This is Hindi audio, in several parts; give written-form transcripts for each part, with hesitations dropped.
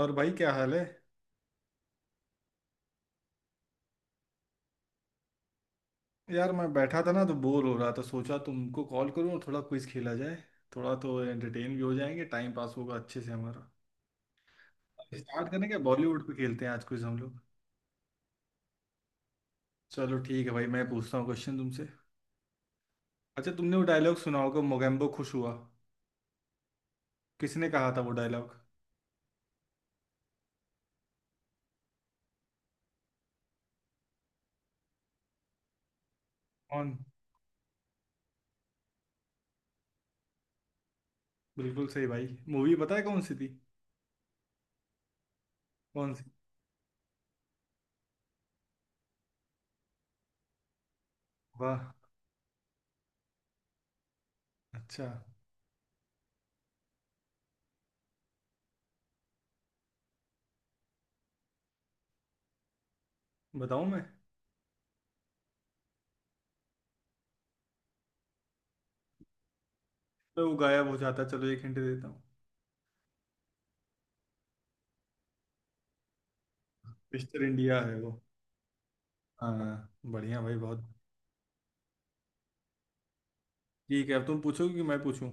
और भाई, क्या हाल है? यार, मैं बैठा था ना तो बोर हो रहा था, सोचा तुमको कॉल करूँ, थोड़ा क्विज खेला जाए। थोड़ा तो एंटरटेन भी हो जाएंगे, टाइम पास होगा अच्छे से हमारा। स्टार्ट करने के बॉलीवुड पे खेलते हैं आज क्विज हम लोग। चलो ठीक है भाई, मैं पूछता हूँ क्वेश्चन तुमसे। अच्छा, तुमने वो डायलॉग सुना होगा, मोगेम्बो खुश हुआ। किसने कहा था वो डायलॉग? कौन? बिल्कुल सही भाई। मूवी पता है कौन सी थी? कौन सी? वाह। अच्छा। बताऊँ मैं? तो वो गायब हो जाता, चलो एक हिंट देता हूँ। मिस्टर इंडिया है वो। हाँ बढ़िया भाई, बहुत। ठीक है, अब तुम पूछोगे कि मैं पूछूं?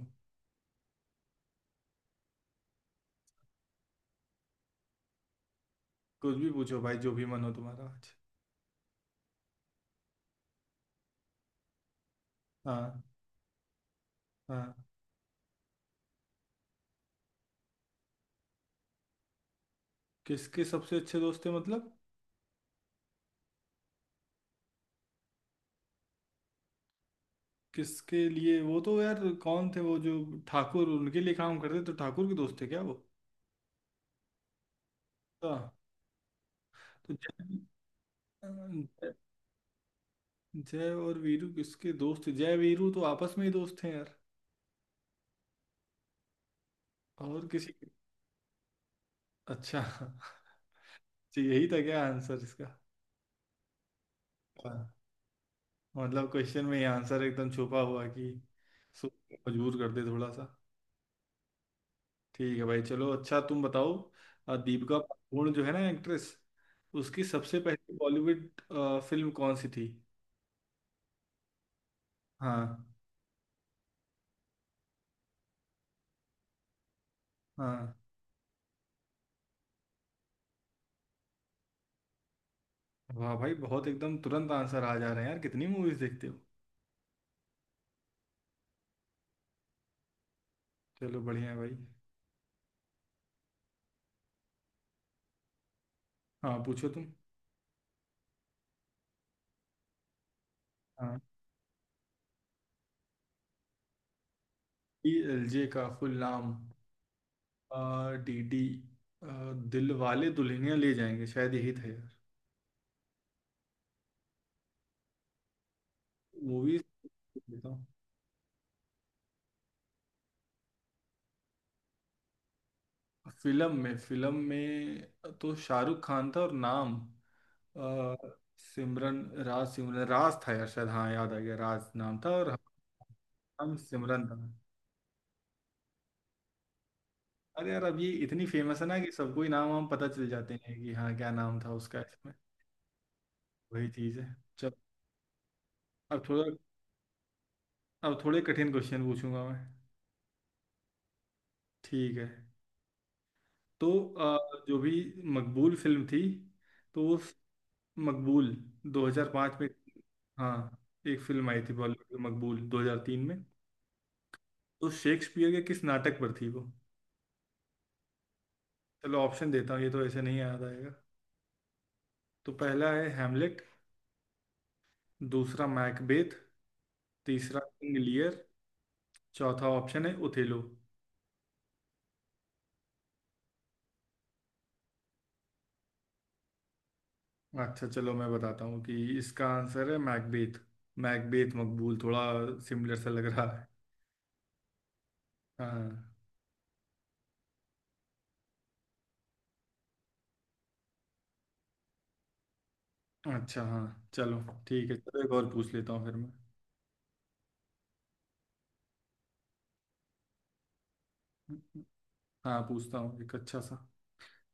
कुछ भी पूछो भाई, जो भी मन हो तुम्हारा आज। हाँ, हाँ। किसके सबसे अच्छे दोस्त थे मतलब? किसके लिए? वो तो यार कौन थे वो जो ठाकुर, उनके लिए काम करते, तो ठाकुर के दोस्त थे क्या वो? हाँ। तो जय अ, जय और वीरू किसके दोस्त थे? जय वीरू तो आपस में ही दोस्त हैं यार। और किसी? अच्छा। तो यही था क्या आंसर इसका? हाँ। मतलब क्वेश्चन में ही आंसर एकदम छुपा हुआ कि सो- मजबूर कर दे थोड़ा सा। ठीक है भाई, चलो अच्छा तुम बताओ। दीपिका पादुकोण जो है ना, एक्ट्रेस, उसकी सबसे पहली बॉलीवुड फिल्म कौन सी थी? हाँ, हाँ। वाह भाई बहुत, एकदम तुरंत आंसर आ जा रहे हैं यार, कितनी मूवीज देखते हो। चलो बढ़िया है भाई। हाँ पूछो तुम। हाँ, डी एल जे का फुल नाम? D D Dilwale Dulhania Le Jayenge, शायद यही था यार। मूवीज। फिल्म में, फिल्म में तो शाहरुख खान था, और नाम अ, सिमरन। राज, सिमरन, राज था यार शायद, हाँ याद आ गया, राज नाम था और नाम सिमरन था। अरे यार, अब ये इतनी फेमस है ना कि सबको ही नाम वाम पता चल जाते हैं, कि हाँ क्या नाम था उसका इसमें। वही चीज़ है। चल, अब थोड़ा, अब थोड़े कठिन क्वेश्चन पूछूंगा मैं। ठीक है। तो अ, जो भी मकबूल फिल्म थी, तो वो मकबूल 2005 में, हाँ, एक फिल्म आई थी बॉलीवुड की, मकबूल 2003 में, तो शेक्सपियर के किस नाटक पर थी वो? चलो ऑप्शन देता हूँ, ये तो ऐसे नहीं याद आएगा। तो पहला है हैमलेट, दूसरा मैकबेथ, तीसरा किंग लियर, चौथा ऑप्शन है ओथेलो। अच्छा चलो मैं बताता हूँ कि इसका आंसर है मैकबेथ। मैकबेथ, मकबूल, थोड़ा सिमिलर सा लग रहा है। हाँ। अच्छा, हाँ चलो। ठीक है, चलो एक और पूछ लेता हूँ फिर मैं। हाँ पूछता हूँ एक अच्छा सा।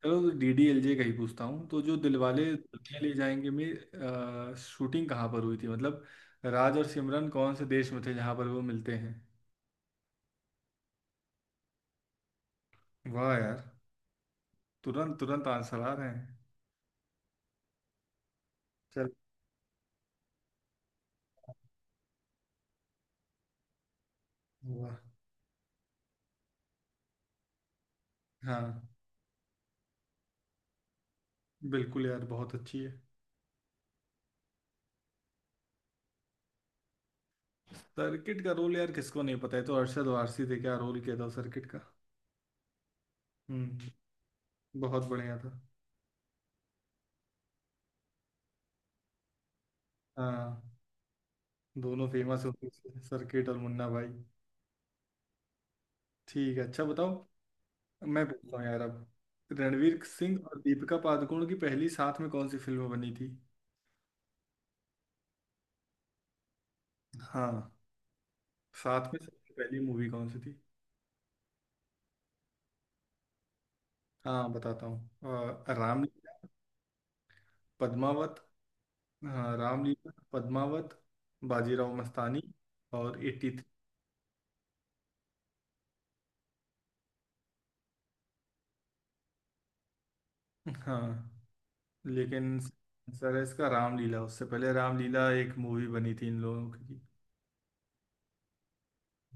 चलो डीडीएलजे का ही पूछता हूँ। तो जो दिलवाले दुल्हनिया ले जाएंगे में शूटिंग कहाँ पर हुई थी मतलब? राज और सिमरन कौन से देश में थे जहाँ पर वो मिलते हैं? वाह यार, तुरंत तुरंत आंसर आ रहे हैं। चल, वाह। हाँ बिल्कुल यार, बहुत अच्छी है। सर्किट का रोल यार, किसको नहीं पता है? तो अरशद वारसी थे, क्या रोल किया था सर्किट का। हम्म। बहुत बढ़िया था। हाँ, दोनों फेमस होते थे, सर्किट और मुन्ना भाई। ठीक है, अच्छा बताओ। मैं पूछता हूँ यार अब, रणवीर सिंह और दीपिका पादुकोण की पहली साथ में कौन सी फिल्म बनी थी? हाँ, साथ में सबसे पहली मूवी कौन सी थी? हाँ बताता हूँ, रामलीला, पद्मावत, हाँ रामलीला, पद्मावत, बाजीराव मस्तानी और 83। हाँ, लेकिन आंसर है इसका रामलीला, उससे पहले रामलीला एक मूवी बनी थी इन लोगों की।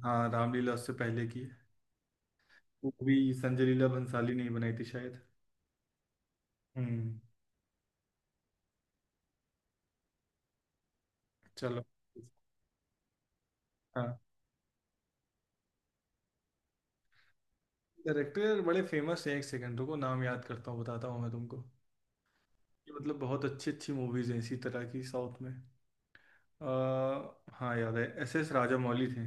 हाँ, रामलीला उससे पहले की है। वो भी संजय लीला भंसाली ने ही बनाई थी शायद। हम्म। चलो। हाँ डायरेक्टर बड़े फेमस हैं, एक सेकंड रुको, नाम याद करता हूँ बताता हूँ मैं तुमको। ये मतलब बहुत अच्छी अच्छी मूवीज हैं इसी तरह की साउथ में। आ, हाँ याद है, एस एस राजामौली थे।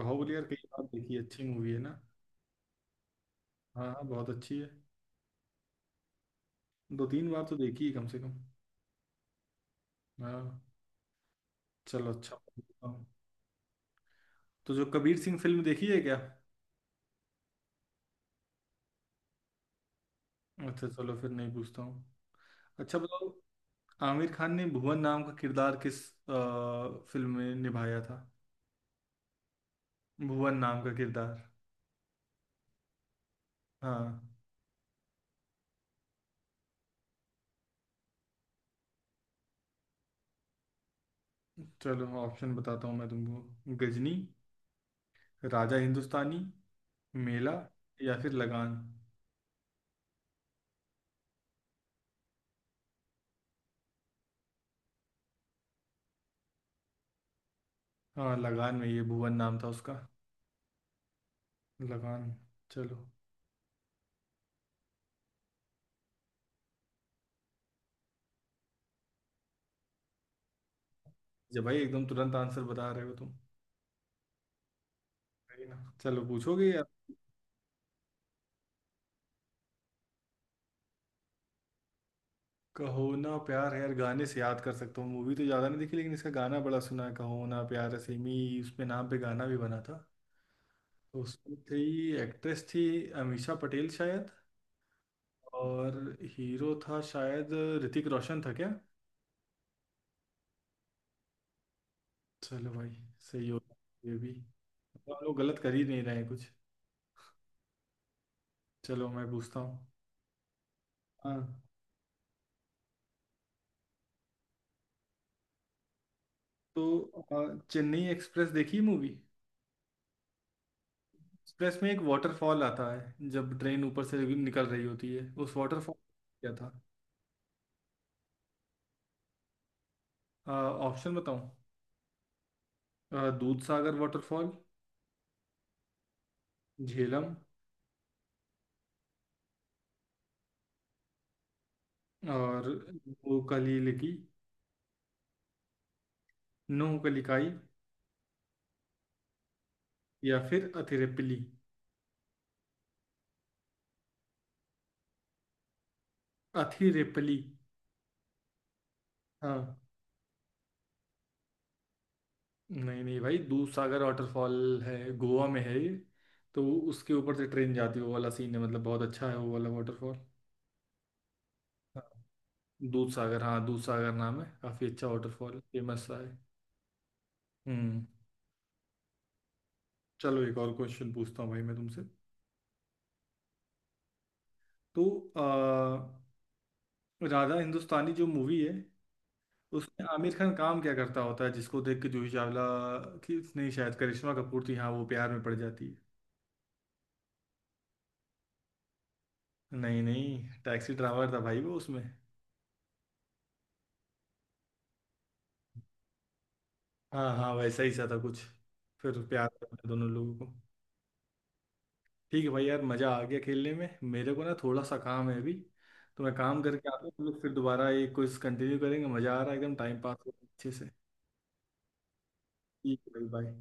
बाहुबली यार कई बार देखी है, अच्छी मूवी है ना? हाँ हाँ, बहुत अच्छी है। दो तीन बार तो देखी है कम से कम। हाँ। चलो अच्छा पूछता हूँ। तो जो कबीर सिंह फिल्म देखी है क्या? अच्छा चलो फिर नहीं पूछता हूँ। अच्छा बताओ, आमिर खान ने भुवन नाम का किरदार किस आ, फिल्म में निभाया था? भुवन नाम का किरदार, हाँ। चलो ऑप्शन बताता हूँ मैं तुमको, गजनी, राजा हिंदुस्तानी, मेला, या फिर लगान। हाँ, लगान में ये भुवन नाम था उसका, लगान। चलो, जब भाई एकदम तुरंत आंसर बता रहे हो तुम, सही ना? चलो, पूछोगे यार? कहो ना प्यार है, यार गाने से याद कर सकता हूँ, मूवी तो ज़्यादा नहीं देखी, लेकिन इसका गाना बड़ा सुना है, कहो ना प्यार है सेमी उसपे, नाम पे गाना भी बना था। तो उसमें थी एक्ट्रेस, थी अमीषा पटेल शायद, और हीरो था शायद ऋतिक रोशन, था क्या? चलो भाई, सही हो। ये भी तो हम लोग गलत कर ही नहीं रहे हैं कुछ। चलो मैं पूछता हूँ। हाँ, तो चेन्नई एक्सप्रेस देखी मूवी? एक्सप्रेस में एक वाटरफॉल आता है जब ट्रेन ऊपर से निकल रही होती है, उस वाटरफॉल क्या था? ऑप्शन बताऊँ? दूध सागर वाटरफॉल, झेलम, और नोकली लिकी, नोकलिकाई, या फिर अथिरेपली, अथिरेपली। हाँ, नहीं नहीं भाई, दूधसागर वाटरफॉल है, गोवा में है ये, तो उसके ऊपर से ट्रेन जाती है, वो वाला सीन है, मतलब बहुत अच्छा है वो वाला वाटरफॉल। दूधसागर, हाँ दूधसागर नाम है, काफ़ी अच्छा वाटरफॉल, फेमस सा है। हम्म। चलो एक और क्वेश्चन पूछता हूँ भाई मैं तुमसे। तो आ, राधा हिंदुस्तानी जो मूवी है, उसमें आमिर खान काम क्या करता होता है, जिसको देख के जूही चावला, थी नहीं शायद, करिश्मा कपूर थी हाँ, वो प्यार में पड़ जाती है। नहीं नहीं, टैक्सी ड्राइवर था भाई वो उसमें। हाँ हाँ, वैसा ही सा था कुछ, फिर प्यार करने दोनों लोगों को। ठीक है भाई, यार मज़ा आ गया खेलने में, मेरे को ना थोड़ा सा काम है अभी, तो मैं काम करके आता हूँ, हम लोग फिर दोबारा ये क्विज कंटिन्यू करेंगे, मज़ा आ रहा है एकदम, टाइम पास हो रहा है अच्छे से। ठीक है भाई, बाय।